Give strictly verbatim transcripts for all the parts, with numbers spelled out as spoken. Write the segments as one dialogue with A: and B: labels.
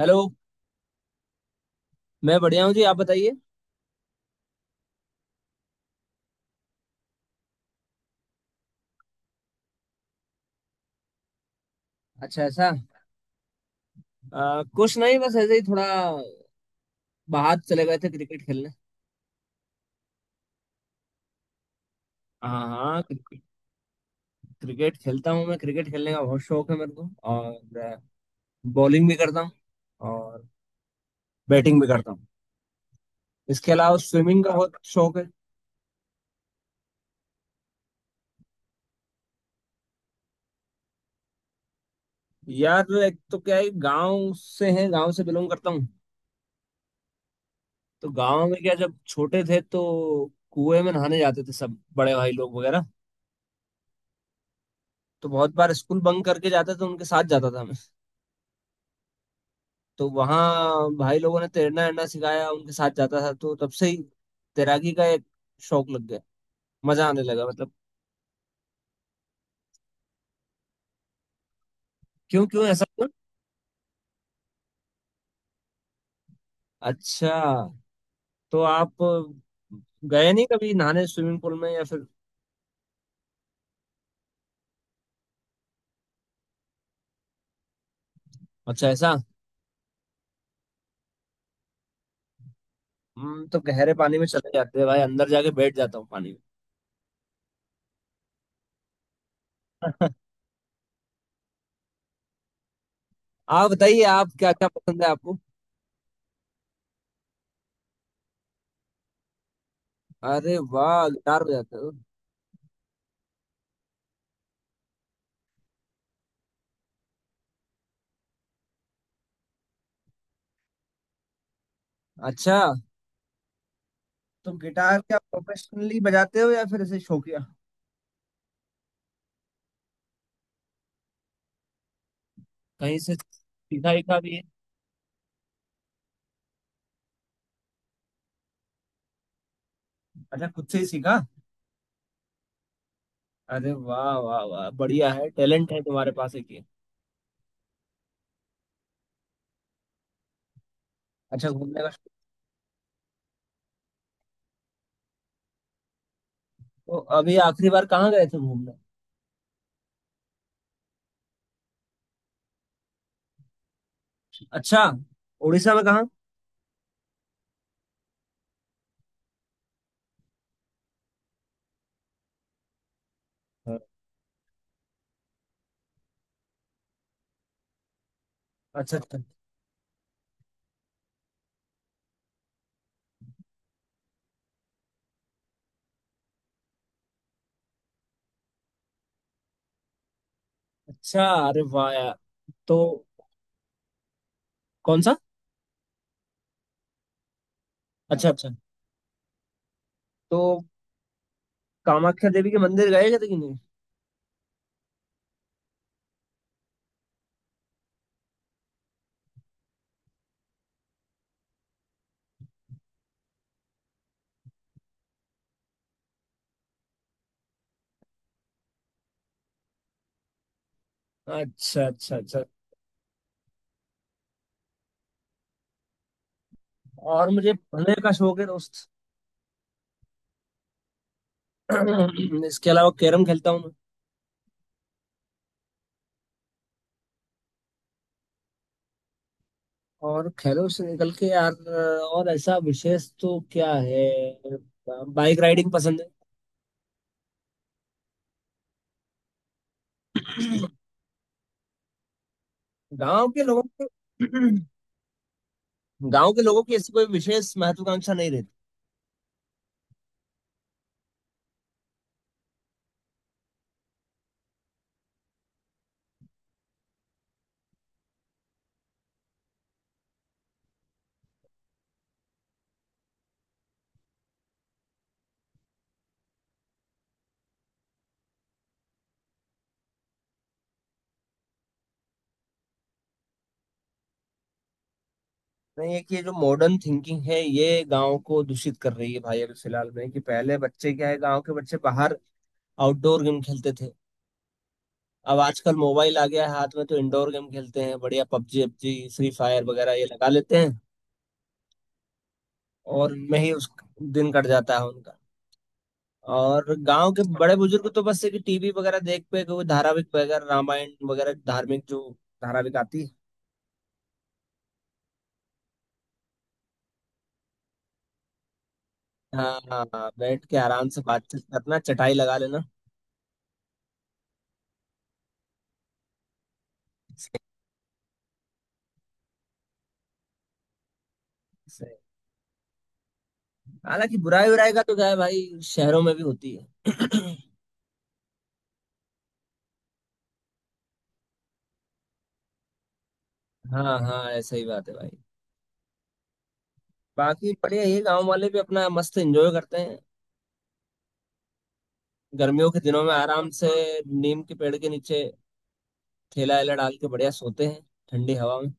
A: Hello. मैं बढ़िया हूँ जी, आप बताइए। अच्छा, ऐसा। आ, कुछ नहीं, बस ऐसे ही थोड़ा बाहर चले गए थे क्रिकेट खेलने। हाँ हाँ, क्रिकेट। क्रिकेट खेलता हूँ मैं, क्रिकेट खेलने का बहुत शौक है मेरे को। और बॉलिंग भी करता हूँ, और बैटिंग भी करता हूँ। इसके अलावा स्विमिंग का बहुत शौक है। यार एक तो क्या है, गांव से है, गांव से बिलोंग करता हूँ। तो गांव में क्या, जब छोटे थे तो कुएं में नहाने जाते थे सब बड़े भाई लोग वगैरह। तो बहुत बार स्कूल बंक करके जाते थे, उनके साथ जाता था मैं। तो वहाँ भाई लोगों ने तैरना वैरना सिखाया, उनके साथ जाता था, तो तब से ही तैराकी का एक शौक लग गया, मजा आने लगा मतलब। क्यों क्यों, ऐसा क्यों। अच्छा, तो आप गए नहीं कभी नहाने स्विमिंग पूल में या फिर। अच्छा, ऐसा। हम तो गहरे पानी में चले जाते हैं भाई, अंदर जाके बैठ जाता हूँ पानी में। आप बताइए, आप क्या क्या पसंद है आपको। अरे वाह, गिटार बजाते हो। अच्छा, तो गिटार क्या प्रोफेशनली बजाते हो या फिर ऐसे शौकिया। कहीं से सीखा वीखा भी है। अच्छा, खुद से ही सीखा। अरे वाह वाह वाह, बढ़िया है, टैलेंट है तुम्हारे पास एक ये। अच्छा, घूमने का शौक। तो अभी आखिरी बार कहाँ गए थे घूमने। अच्छा, उड़ीसा में कहाँ। हाँ। अच्छा अच्छा अच्छा, अरे वाह यार। तो कौन सा। अच्छा अच्छा। तो कामाख्या देवी के मंदिर गए थे कि नहीं। अच्छा अच्छा अच्छा। और मुझे पढ़ने का शौक है दोस्त। इसके अलावा कैरम खेलता हूँ मैं। और खेलों से निकल के यार, और ऐसा विशेष तो क्या है। बाइक राइडिंग पसंद है। गांव के लोगों को गांव के लोगों की ऐसी कोई विशेष महत्वाकांक्षा नहीं रहती। नहीं है कि ये जो मॉडर्न थिंकिंग है ये गांव को दूषित कर रही है भाई, अभी फिलहाल में कि पहले बच्चे क्या है, गांव के बच्चे बाहर आउटडोर गेम खेलते थे। अब आजकल मोबाइल आ गया है हाथ में तो इंडोर गेम खेलते हैं, बढ़िया पबजी, पबजी फ्री फायर वगैरह ये लगा लेते हैं। और उनमें ही उस दिन कट जाता है उनका। और गांव के बड़े बुजुर्ग तो बस है कि टीवी वगैरह देख पे, कोई धारावाहिक वगैरह, रामायण वगैरह धार्मिक जो धारावाहिक आती है। हाँ हाँ, बैठ के आराम से बातचीत करना, चटाई लगा लेना। सही। हालांकि बुराई उराई का तो क्या है भाई, शहरों में भी होती है। हाँ हाँ, ऐसा ही बात है भाई। बाकी बढ़िया, ये गांव वाले भी अपना मस्त एंजॉय करते हैं। गर्मियों के दिनों में आराम से नीम के पेड़ के नीचे ठेला वेला डाल के बढ़िया सोते हैं, ठंडी हवा में।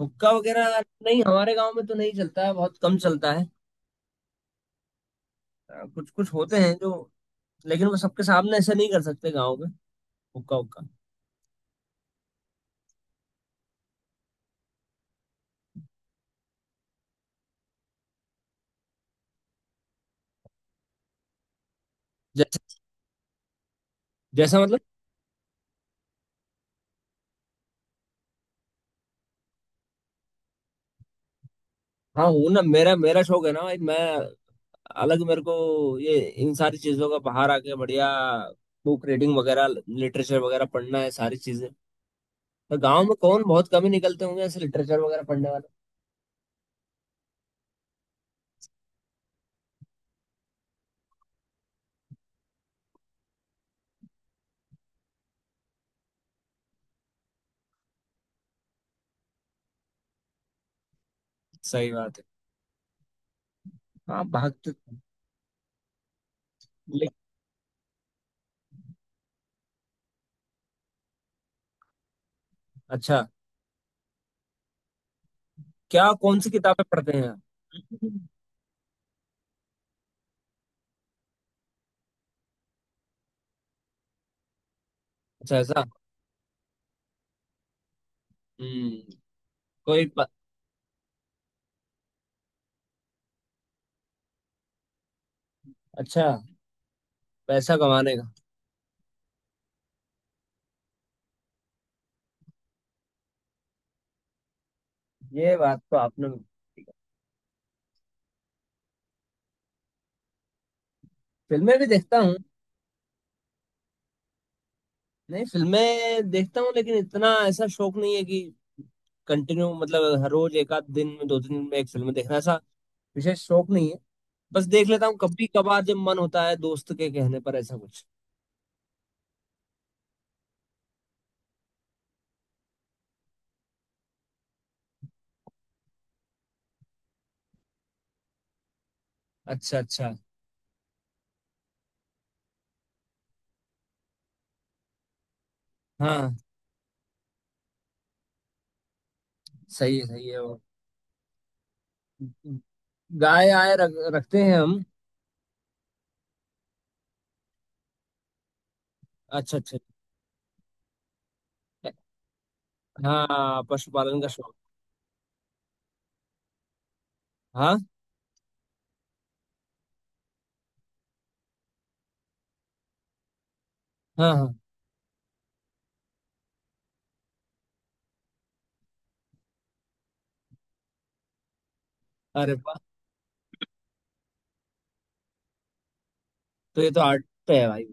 A: हुक्का वगैरह नहीं, हमारे गांव में तो नहीं चलता है, बहुत कम चलता है। आ, कुछ कुछ होते हैं जो, लेकिन वो सबके सामने ऐसे नहीं कर सकते गाँव में, हुक्का हुक्का। जैसे, जैसा मतलब। हाँ हूँ ना, मेरा मेरा शौक है ना भाई, मैं अलग, मेरे को ये इन सारी चीजों का बाहर आके बढ़िया बुक रीडिंग वगैरह, लिटरेचर वगैरह पढ़ना है सारी चीजें। तो गांव में कौन बहुत कम ही निकलते होंगे ऐसे लिटरेचर वगैरह पढ़ने वाले। सही बात है। हाँ, भागते। ले-। अच्छा, क्या कौन सी किताबें पढ़ते हैं आप? अच्छा, ऐसा। हम्म। कोई प...। अच्छा, पैसा कमाने का। ये बात तो आपने। फिल्में भी देखता हूँ। नहीं फिल्में देखता हूँ, लेकिन इतना ऐसा शौक नहीं है कि कंटिन्यू, मतलब हर रोज एक आध दिन में, दो तीन दिन में एक फिल्म देखना, ऐसा विशेष शौक नहीं है। बस देख लेता हूँ कभी कभार जब मन होता है, दोस्त के कहने पर ऐसा कुछ। अच्छा अच्छा। हाँ, सही है सही है, वो गाय आए रख, रखते हैं हम। अच्छा अच्छा। हाँ, पशुपालन का शौक। हाँ हाँ हाँ, अरे वाह, तो ये तो आर्ट पे है भाई।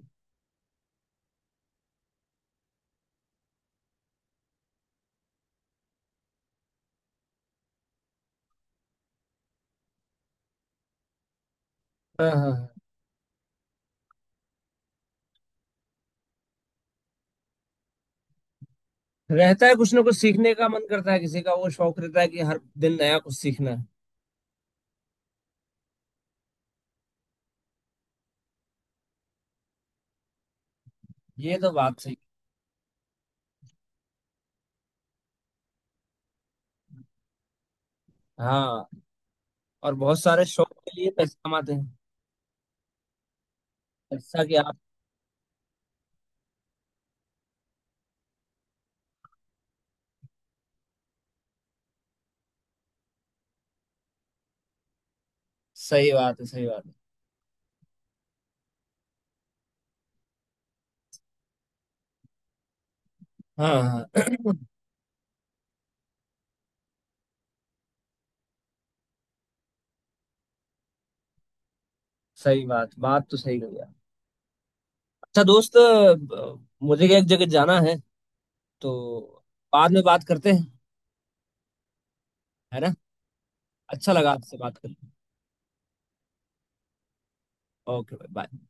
A: हाँ हाँ हाँ। रहता है कुछ ना कुछ सीखने का मन करता है, किसी का वो शौक रहता है कि हर दिन नया कुछ सीखना है। ये तो बात सही है। हाँ। और बहुत सारे शौक के लिए पैसे कमाते हैं। जैसा कि आप। सही बात है सही बात है। हाँ हाँ। सही बात, बात तो सही कही आप। अच्छा दोस्त, अ, मुझे एक जगह जाना है, तो बाद में बात करते हैं। है ना, अच्छा लगा आपसे बात करके। ओके भाई, बाय।